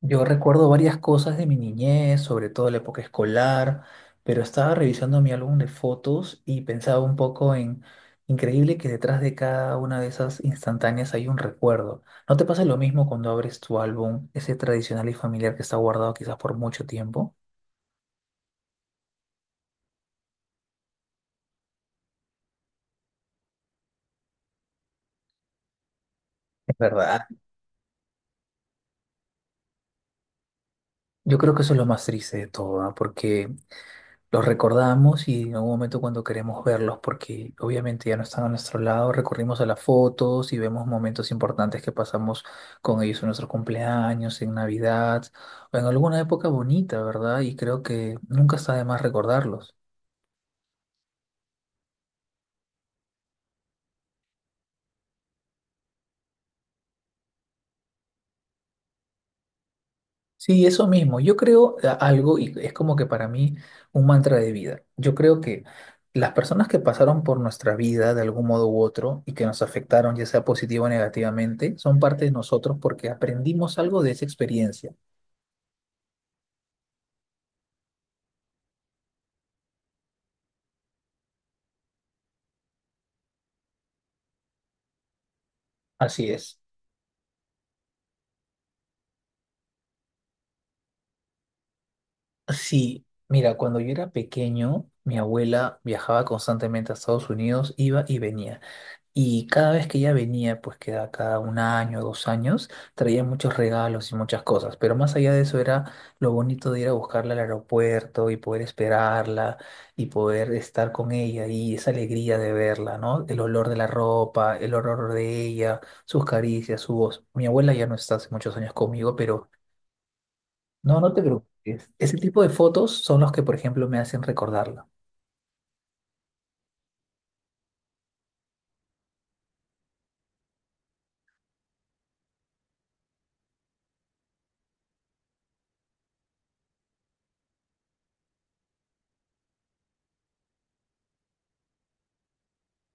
Yo recuerdo varias cosas de mi niñez, sobre todo la época escolar, pero estaba revisando mi álbum de fotos y pensaba un poco en, increíble que detrás de cada una de esas instantáneas hay un recuerdo. ¿No te pasa lo mismo cuando abres tu álbum, ese tradicional y familiar que está guardado quizás por mucho tiempo? Es verdad. Yo creo que eso es lo más triste de todo, ¿ah? Porque los recordamos y en algún momento cuando queremos verlos, porque obviamente ya no están a nuestro lado, recurrimos a las fotos y vemos momentos importantes que pasamos con ellos en nuestros cumpleaños, en Navidad o en alguna época bonita, ¿verdad? Y creo que nunca está de más recordarlos. Sí, eso mismo. Yo creo algo, y es como que para mí un mantra de vida. Yo creo que las personas que pasaron por nuestra vida de algún modo u otro y que nos afectaron, ya sea positivo o negativamente, son parte de nosotros porque aprendimos algo de esa experiencia. Así es. Sí, mira, cuando yo era pequeño, mi abuela viajaba constantemente a Estados Unidos, iba y venía. Y cada vez que ella venía, pues que era cada un año, 2 años, traía muchos regalos y muchas cosas. Pero más allá de eso era lo bonito de ir a buscarla al aeropuerto y poder esperarla y poder estar con ella y esa alegría de verla, ¿no? El olor de la ropa, el olor de ella, sus caricias, su voz. Mi abuela ya no está hace muchos años conmigo, pero no, no te preocupes. Ese tipo de fotos son los que, por ejemplo, me hacen recordarla.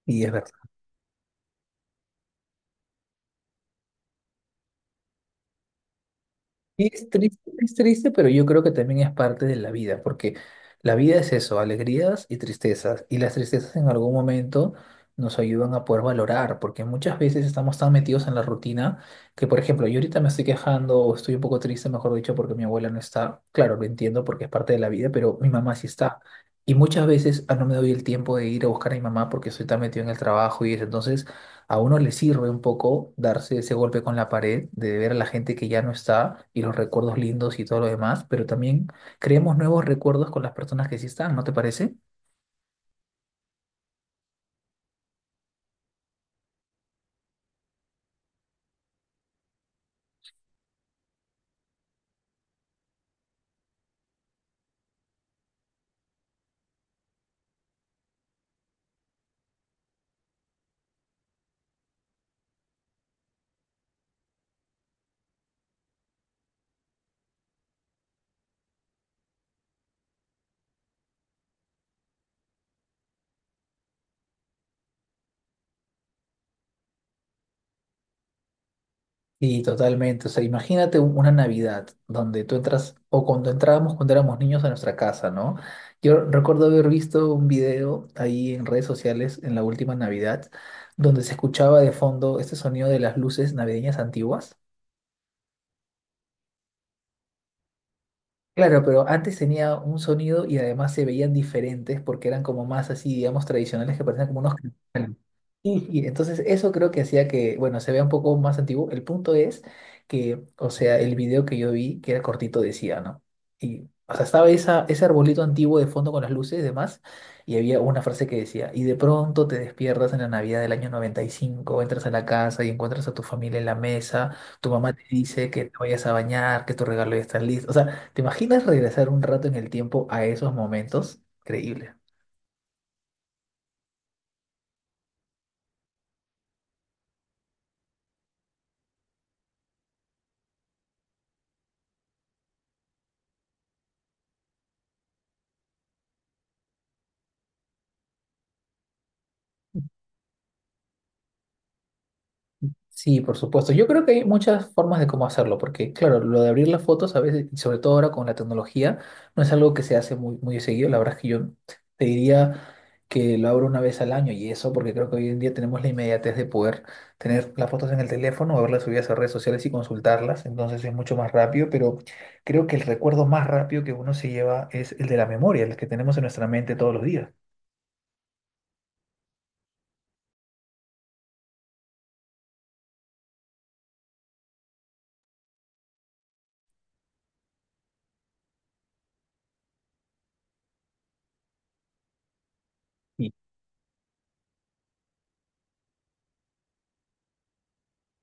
Y es verdad. Y es triste, pero yo creo que también es parte de la vida, porque la vida es eso, alegrías y tristezas, y las tristezas en algún momento nos ayudan a poder valorar, porque muchas veces estamos tan metidos en la rutina que, por ejemplo, yo ahorita me estoy quejando o estoy un poco triste, mejor dicho, porque mi abuela no está, claro, lo entiendo porque es parte de la vida, pero mi mamá sí está. Y muchas veces no me doy el tiempo de ir a buscar a mi mamá porque estoy tan metido en el trabajo y eso, entonces a uno le sirve un poco darse ese golpe con la pared, de ver a la gente que ya no está y los recuerdos lindos y todo lo demás, pero también creemos nuevos recuerdos con las personas que sí están, ¿no te parece? Y totalmente, o sea, imagínate una Navidad donde tú entras, o cuando entrábamos cuando éramos niños a nuestra casa, ¿no? Yo recuerdo haber visto un video ahí en redes sociales en la última Navidad, donde se escuchaba de fondo este sonido de las luces navideñas antiguas. Claro, pero antes tenía un sonido y además se veían diferentes porque eran como más así, digamos, tradicionales que parecían como unos cristales. Y entonces eso creo que hacía que, bueno, se vea un poco más antiguo. El punto es que, o sea, el video que yo vi, que era cortito, decía, ¿no? Y, o sea, estaba ese arbolito antiguo de fondo con las luces y demás, y había una frase que decía, y de pronto te despiertas en la Navidad del año 95, entras a la casa y encuentras a tu familia en la mesa, tu mamá te dice que te vayas a bañar, que tu regalo ya está listo. O sea, ¿te imaginas regresar un rato en el tiempo a esos momentos? Increíble. Sí, por supuesto. Yo creo que hay muchas formas de cómo hacerlo, porque claro, lo de abrir las fotos a veces, y sobre todo ahora con la tecnología, no es algo que se hace muy, muy seguido. La verdad es que yo te diría que lo abro una vez al año y eso, porque creo que hoy en día tenemos la inmediatez de poder tener las fotos en el teléfono, o verlas subidas a redes sociales y consultarlas, entonces es mucho más rápido, pero creo que el recuerdo más rápido que uno se lleva es el de la memoria, el que tenemos en nuestra mente todos los días.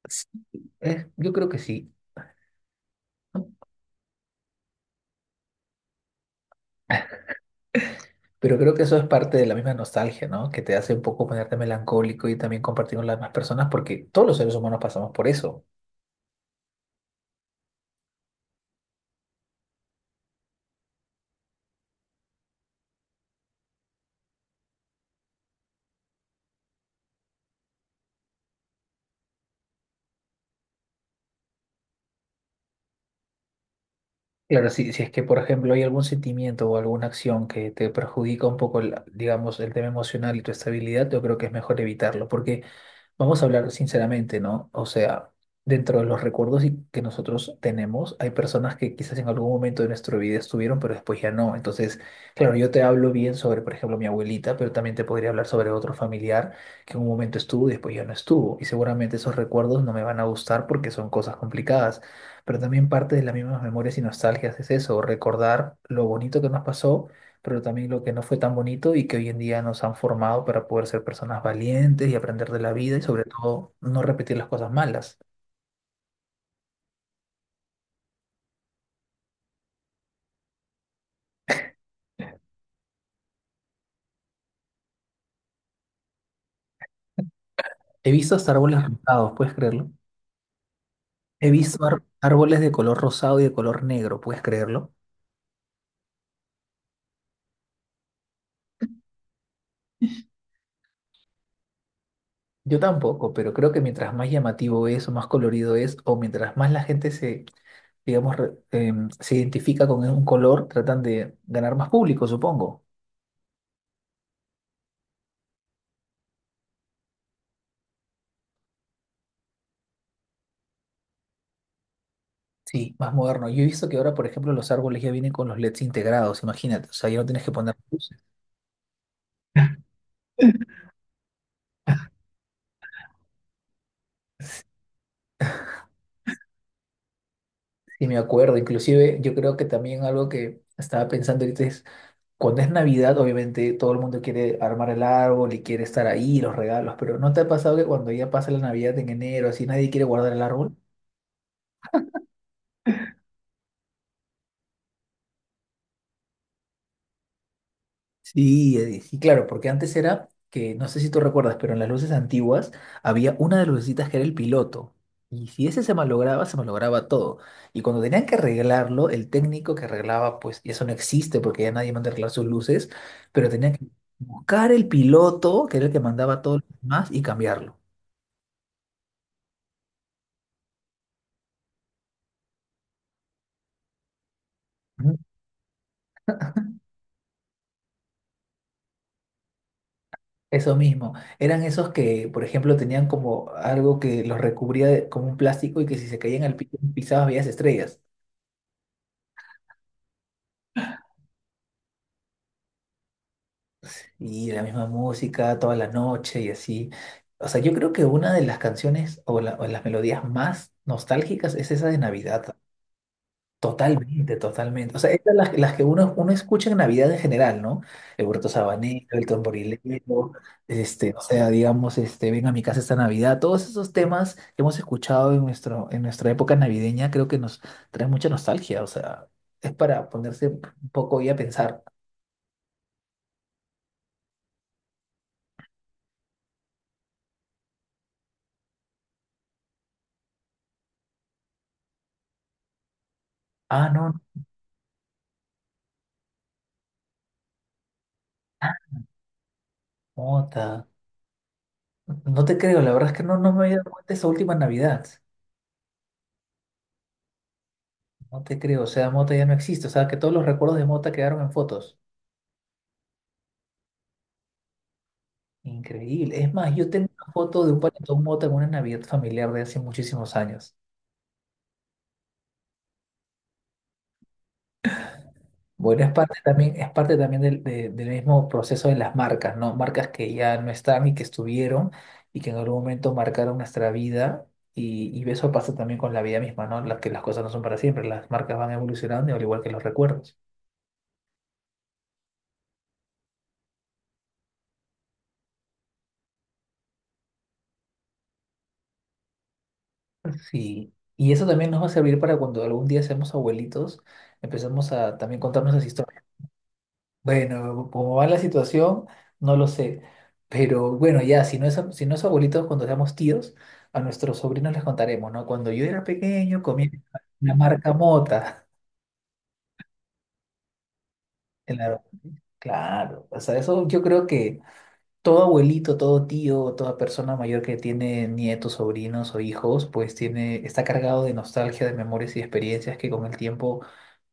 Sí, yo creo que sí, ¿no? Pero creo que eso es parte de la misma nostalgia, ¿no? Que te hace un poco ponerte melancólico y también compartir con las demás personas, porque todos los seres humanos pasamos por eso. Claro, si es que, por ejemplo, hay algún sentimiento o alguna acción que te perjudica un poco, digamos, el tema emocional y tu estabilidad, yo creo que es mejor evitarlo, porque vamos a hablar sinceramente, ¿no? O sea, dentro de los recuerdos que nosotros tenemos, hay personas que quizás en algún momento de nuestra vida estuvieron, pero después ya no. Entonces, claro, yo te hablo bien sobre, por ejemplo, mi abuelita, pero también te podría hablar sobre otro familiar que en un momento estuvo y después ya no estuvo. Y seguramente esos recuerdos no me van a gustar porque son cosas complicadas. Pero también parte de las mismas memorias y nostalgias es eso, recordar lo bonito que nos pasó pero también lo que no fue tan bonito y que hoy en día nos han formado para poder ser personas valientes y aprender de la vida y sobre todo no repetir las cosas malas. He visto hasta árboles rosados, ¿puedes creerlo? He visto árboles de color rosado y de color negro, ¿puedes creerlo? Yo tampoco, pero creo que mientras más llamativo es o más colorido es o mientras más la gente se, digamos, se identifica con un color, tratan de ganar más público, supongo. Sí, más moderno. Yo he visto que ahora, por ejemplo, los árboles ya vienen con los LEDs integrados, imagínate. O sea, ya no tienes que poner luz. Y me acuerdo, inclusive yo creo que también algo que estaba pensando ahorita es, cuando es Navidad, obviamente todo el mundo quiere armar el árbol y quiere estar ahí, los regalos, pero ¿no te ha pasado que cuando ya pasa la Navidad en enero, así nadie quiere guardar el árbol? Sí, y claro, porque antes era que, no sé si tú recuerdas, pero en las luces antiguas había una de las lucecitas que era el piloto. Y si ese se malograba todo. Y cuando tenían que arreglarlo, el técnico que arreglaba, pues, y eso no existe porque ya nadie manda a arreglar sus luces, pero tenían que buscar el piloto, que era el que mandaba todo lo demás, y cambiarlo. Ujú. Eso mismo. Eran esos que, por ejemplo, tenían como algo que los recubría como un plástico y que si se caían al piso pisabas veías estrellas. Y la misma música toda la noche y así. O sea, yo creo que una de las canciones o las melodías más nostálgicas es esa de Navidad. Totalmente, totalmente. O sea, esas las que uno escucha en Navidad en general, ¿no? El Huerto Sabanero, el Tamborilero, este, o sea, digamos, este, Ven a mi casa esta Navidad. Todos esos temas que hemos escuchado en nuestra época navideña creo que nos trae mucha nostalgia. O sea, es para ponerse un poco y a pensar, ah, no, ah, nota. No te creo, la verdad es que no, no me había dado cuenta esa última Navidad. No te creo, o sea, Mota ya no existe, o sea, que todos los recuerdos de Mota quedaron en fotos. Increíble. Es más, yo tengo una foto de un panetón Mota en una Navidad familiar de hace muchísimos años. Bueno, es parte también del mismo proceso de las marcas, ¿no? Marcas que ya no están y que estuvieron y que en algún momento marcaron nuestra vida. Y eso pasa también con la vida misma, ¿no? Que las cosas no son para siempre, las marcas van evolucionando al igual que los recuerdos. Sí, y eso también nos va a servir para cuando algún día seamos abuelitos, empezamos a también contarnos las historias. Bueno, cómo va la situación, no lo sé, pero bueno, ya, si no es abuelitos, cuando seamos tíos, a nuestros sobrinos les contaremos, ¿no? Cuando yo era pequeño comía una marca mota. Claro, claro, o sea, eso yo creo que todo abuelito, todo tío, toda persona mayor que tiene nietos, sobrinos o hijos, pues está cargado de nostalgia, de memorias y experiencias que con el tiempo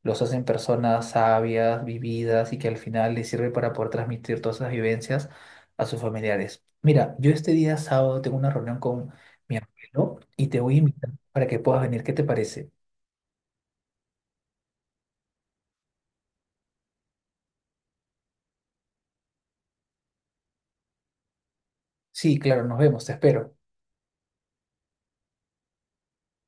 los hacen personas sabias, vividas y que al final les sirve para poder transmitir todas esas vivencias a sus familiares. Mira, yo este día sábado tengo una reunión con mi abuelo y te voy a invitar para que puedas venir. ¿Qué te parece? Sí, claro, nos vemos, te espero.